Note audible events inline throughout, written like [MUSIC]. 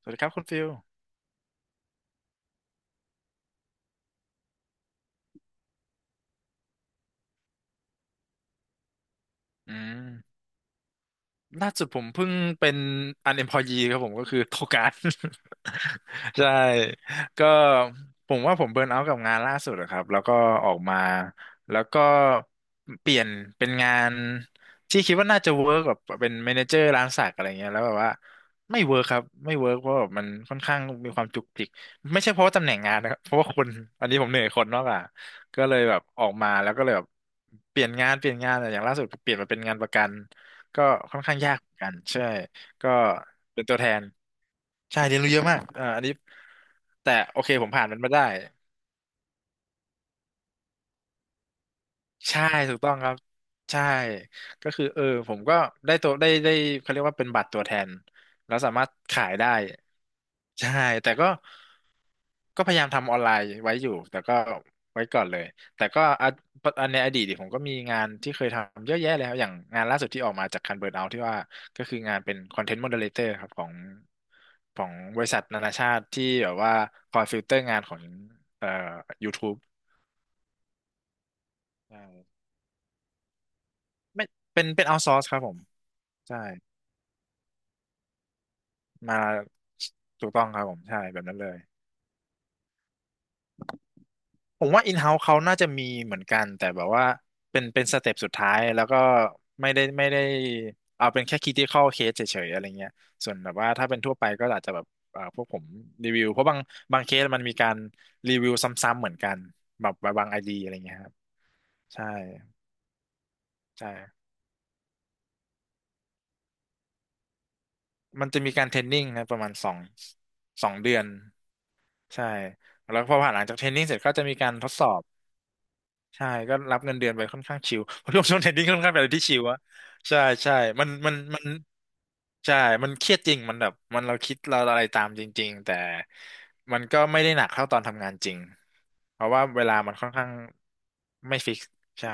สวัสดีครับคุณฟิลอืม ล่าสุดผมเพิ่งเป็น unemployee ครับผมก็คือโทการ [LAUGHS] ใช่ก็ผมว่าผมเบิร์นเอาท์กับงานล่าสุดอะครับแล้วก็ออกมาแล้วก็เปลี่ยนเป็นงานที่คิดว่าน่าจะเวิร์กแบบเป็นแมเนเจอร์ร้านสักอะไรเงี้ยแล้วแบบว่าไม่เวิร์กครับไม่เวิร์กเพราะแบบมันค่อนข้างมีความจุกจิกไม่ใช่เพราะว่าตำแหน่งงานนะครับเพราะว่าคนอันนี้ผมเหนื่อยคนมากกว่าก็เลยแบบออกมาแล้วก็เลยแบบเปลี่ยนงานเปลี่ยนงานแต่อย่างล่าสุดเปลี่ยนมาเป็นงานประกัน ก็ค่อนข้างยากเหมือนกันใช่ ก็เป็นตัวแทนใช่เรียนรู้เยอะมากเอ่าออันนี้แต่โอเคผมผ่านมันมาได้ ใช่ถูกต้องครับใช่ก็คือเออผมก็ได้ตัวได้เขาเรียกว่าเป็นบัตรตัวแทนแล้วสามารถขายได้ใช่แต่ก็ก็พยายามทำออนไลน์ไว้อยู่แต่ก็ไว้ก่อนเลยแต่ก็อะอันในอดีตเนี่ยผมก็มีงานที่เคยทำเยอะแยะแล้วอย่างงานล่าสุดที่ออกมาจากคันเบิร์นเอาที่ว่าก็คืองานเป็นคอนเทนต์โมเดเลเตอร์ครับของของบริษัทนานาชาติที่แบบว่าคอยฟิลเตอร์งานของเอ่อ YouTube ใช่ ไม่เป็นเอาซอร์สครับผมใช่มาถูกต้องครับผมใช่แบบนั้นเลยผมว่าอินเฮ้า์เขาน่าจะมีเหมือนกันแต่แบบว่าเป็นสเต็ปสุดท้ายแล้วก็ไม่ได้เอาเป็นแค่ค i i c a อ c เคสเฉยๆอะไรเงี้ยส่วนแบบว่าถ้าเป็นทั่วไปก็อาจจะแบบพวกผมรีวิวเพราะบางเคสมันมีการรีวิวซ้ำๆเหมือนกันแบบบางไอดีอะไรเงี้ยครับใช่ใช่มันจะมีการเทรนนิ่งนะประมาณ2 เดือน ใช่แล้วพอผ่านหลังจากเทรนนิ่งเสร็จก็จะมีการทดสอบใช่ก็รับเงินเดือนไปค่อนข้างชิล [LAUGHS] เพราะช่วงเทรนนิ่งค่อนข้างเป็นอะไรที่ชิลอะใช่ใช่มันใช่มันเครียดจริงมันแบบมันเราคิดเราอะไรตามจริงๆแต่มันก็ไม่ได้หนักเท่าตอนทำงานจริงเพราะว่าเวลามันค่อนข้างไม่ฟิกซ์ใช่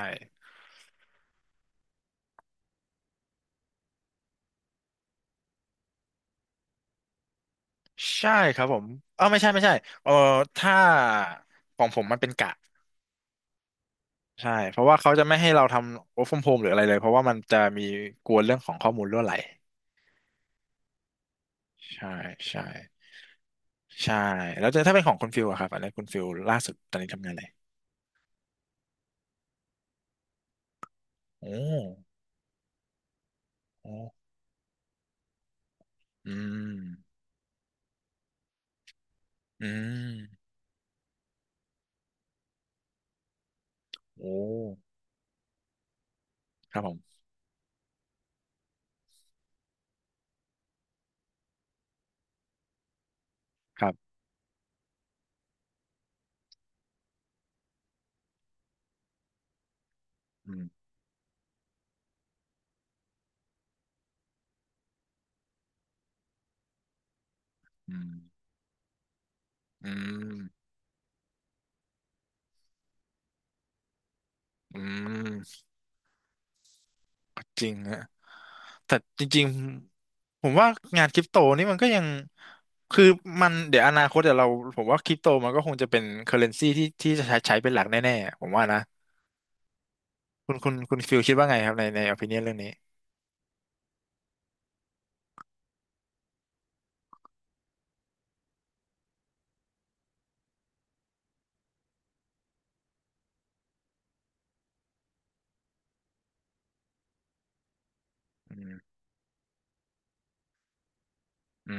ใช่ครับผมเออไม่ใช่ไม่ใช่เออถ้าของผมมันเป็นกะใช่เพราะว่าเขาจะไม่ให้เราทำ work from home หรืออะไรเลยเพราะว่ามันจะมีกลัวเรื่องของข้อมูลรั่วไหล ใช่ใช่ใช่แล้วจะถ้าเป็นของคุณฟิลอะครับอันนี้คุณฟิลล่าสุดตอนนี้ทำงานอะไรโอ้โอ้อืมอืมโอ้ครับผมครับอืมอืมอืมอืมก็จริงฮะแต่จริงๆผมว่างานคริปโตนี่มันก็ยังคือมันเดี๋ยวอนาคตเดี๋ยวเราผมว่าคริปโตมันก็คงจะเป็นเคอเรนซีที่ที่จะใช้เป็นหลักแน่ๆผมว่านะคุณฟิลคิดว่าไงครับในอภินิยนเรื่องนี้อืมอ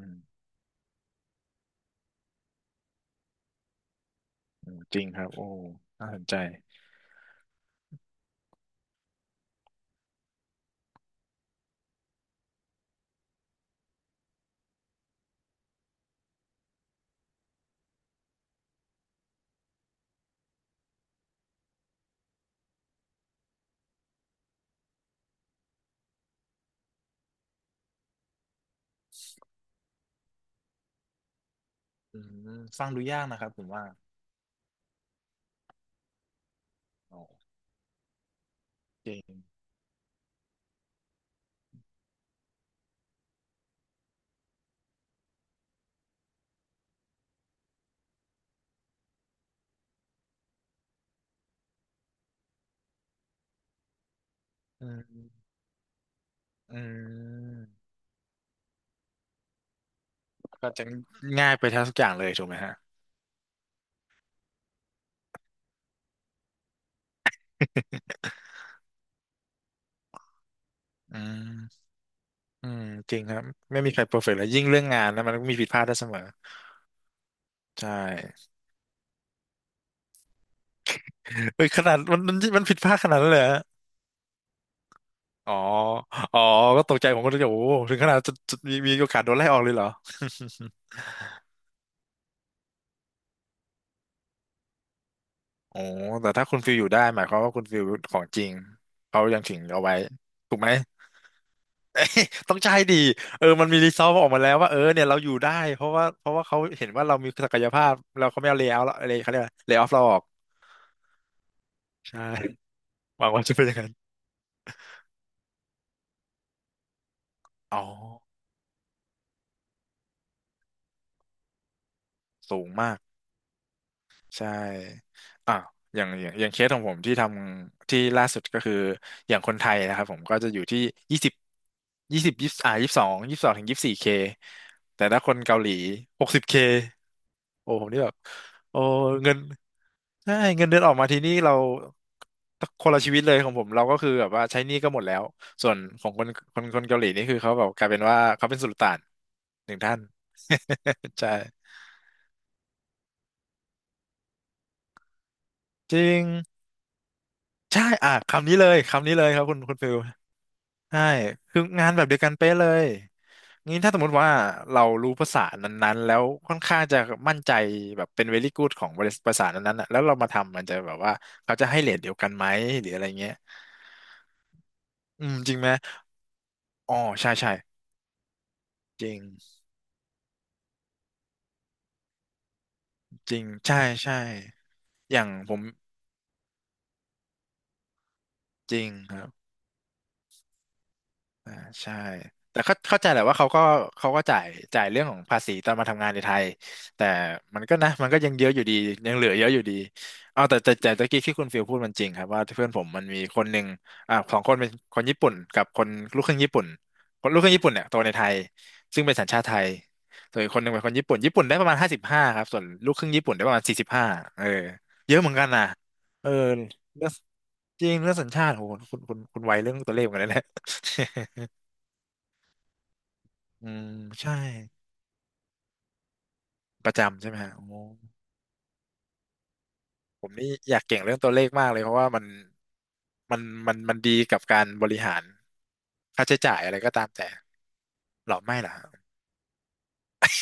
ืม จริงครับโอ้น่าสนใจอืมฟังดูยากนะครับผมว่าโอ้จริงอืมอืมก็จะง่ายไปทั้งทุกอย่างเลยถูกไหมฮะ [LAUGHS] อืมอืมจริงครับไม่มีใครเพอร์เฟกต์แล้วยิ่งเรื่องงานนะมันก็มีผิดพลาดได้เสมอใช่ [LAUGHS] เอ้ยขนาดมันผิดพลาดขนาดนั้นเลยเหรออ๋ออ๋อก็ตกใจผมก็เลยโอ้โหถึงขนาดจะมีโอกาสโดนไล่ออกเลยเหรอ [LAUGHS] โอ้แต่ถ้าคุณฟิลอยู่ได้หมายความว่าคุณฟิลของจริงเขายังถึงเอาไว้ถูกไหม [LAUGHS] ต้องใช่ดี เออ มันมีรีซอสออกมาแล้วว่าเออเนี่ยเราอยู่ได้เพราะว่าเขาเห็นว่าเรามีศักยภาพเราเขาไม่เอาเลย์เอาท์เลยเขาเรียกว่าเลย์ออฟเราออกใช่ [LAUGHS] หวังว่าจะเป็นอย่างนั้นอ๋อสูงมากใช่อ่ะอย่างเคสของผมที่ทำที่ล่าสุดก็คืออย่างคนไทยนะครับผมก็จะอยู่ที่ยี่สิบยี่สิบสองถึงยี่สิบสี่เคแต่ถ้าคนเกาหลี60Kโอ้ผมนี่แบบโอ้เงิน ใช่เงินเดือนออกมาทีนี้เราคนละชีวิตเลยของผมเราก็คือแบบว่าใช้หนี้ก็หมดแล้วส่วนของคนคนเกาหลีนี่คือเขาแบบกลายเป็นว่าเขาเป็นสุลต่านหนึ่งท่าน [LAUGHS] ใช่จริงใช่อ่ะคำนี้เลยคำนี้เลยครับคุณฟิลใช่คืองานแบบเดียวกันเป๊ะเลยงี้ถ้าสมมติว่าเรารู้ภาษานั้นๆแล้วค่อนข้างจะมั่นใจแบบเป็น very good ของบริษัทภาษานั้นๆน่ะแล้วเรามาทำมันจะแบบว่าเขาจะให้เรทเดียวกันไหมหรืออะไรเงี้ยอืมจริงไหม อ๋อใช่ใช่จริงจริงใช่ใช่อย่างผมจริงครับ อ่าใช่แต่เข้าใจแหละว่าเขาก็จ่ายเรื่องของภาษีตอนมาทำงานในไทยแต่มันก็นะมันก็ยังเยอะอยู่ดียังเหลือเยอะอยู่ดีเอาแต่ตะกี้ที่คุณฟิลพูดมันจริงครับว่าเพื่อนผมมันมีคนหนึ่งสองคนเป็นคนญี่ปุ่นกับคนลูกครึ่งญี่ปุ่นคนลูกครึ่งญี่ปุ่นเนี่ยโตในไทยซึ่งเป็นสัญชาติไทยส่วนอีกคนหนึ่งเป็นคนญี่ปุ่นญี่ปุ่นได้ประมาณ55ครับส่วนลูกครึ่งญี่ปุ่นได้ประมาณ45เออเยอะเหมือนกันนะเออเรื่องจริงเรื่องสัญชาติโหคุณไวเรื่องตัวเลขเหมือนกันนะ อืมใช่ประจำใช่ไหมฮะโอ้ผมนี่อยากเก่งเรื่องตัวเลขมากเลยเพราะว่ามันมันดีกับการบริหารค่าใช้จ่ายอะไรก็ตามแต่หรอไม่ล่ะ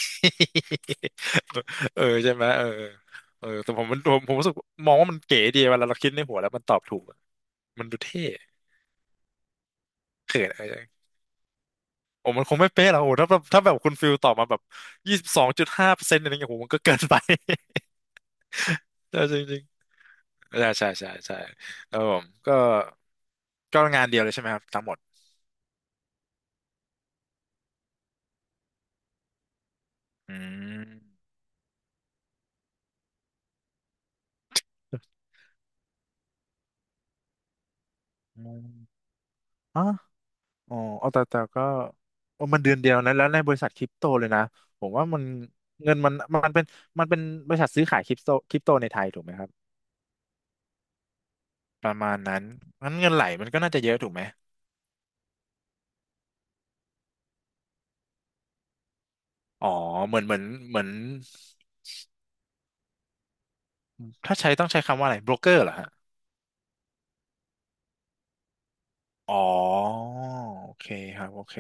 [LAUGHS] เออใช่ไหมเออเออแต่ผมรู้สึกมองว่ามันเก๋ดีเวลาเราคิดในหัวแล้วมันตอบถูกอะมันดูเท่เขินเออโอ้มันคงไม่เป๊ะหรอกโอ้ถ้าแบบถ้าแบบคุณฟิลตอบมาแบบ22.5%อะไรเงี้ยโอ้โหมันก็เกินไป [LAUGHS] ใช่จริงๆใช่ใช่ใช่ใช่ครับผมก็ ก็งานเดียวเลยใช่ไหมครับทั้งหมดอืมอืมอ๋ออ๋อเอาแต่ก็โอ้มันเดือนเดียวนะแล้วในบริษัทคริปโตเลยนะผมว่ามันเงินมันมันเป็นมันเป็นบริษัทซื้อขายคริปโตในไทยถูกไหมครับประมาณนั้นงั้นเงินไหลมันก็น่าจะเยอะถูกไหมอ๋อเหมือนเหมือนเหมือนถ้าใช้ต้องใช้คำว่าอะไรโบรกเกอร์เหรอฮะอ๋อโอเคครับโอเค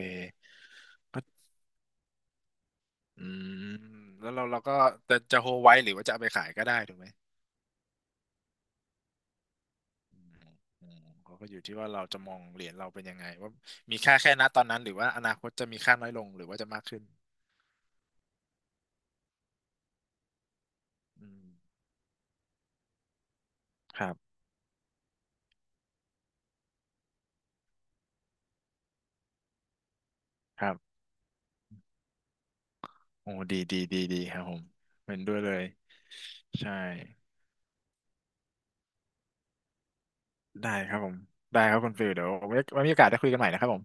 ก็อืมแล้วเราเราก็จะโฮลไว้หรือว่าจะเอาไปขายก็ได้ถูกไหม อืมเขาก็อยู่ที่ว่าเราจะมองเหรียญเราเป็นยังไงว่ามีค่าแค่ณตอนนั้นหรือว่าอนาคตจะมีค่าน้อยลงหรือว่าจะมากขึ้นอืมครับครับโอ้ดีดีดีดีครับผมเห็นด้วยเลยใช่ได้ครับผมได้ครับคุณฟิลเดี๋ยวไว้มีโอกาสได้คุยกันใหม่นะครับผม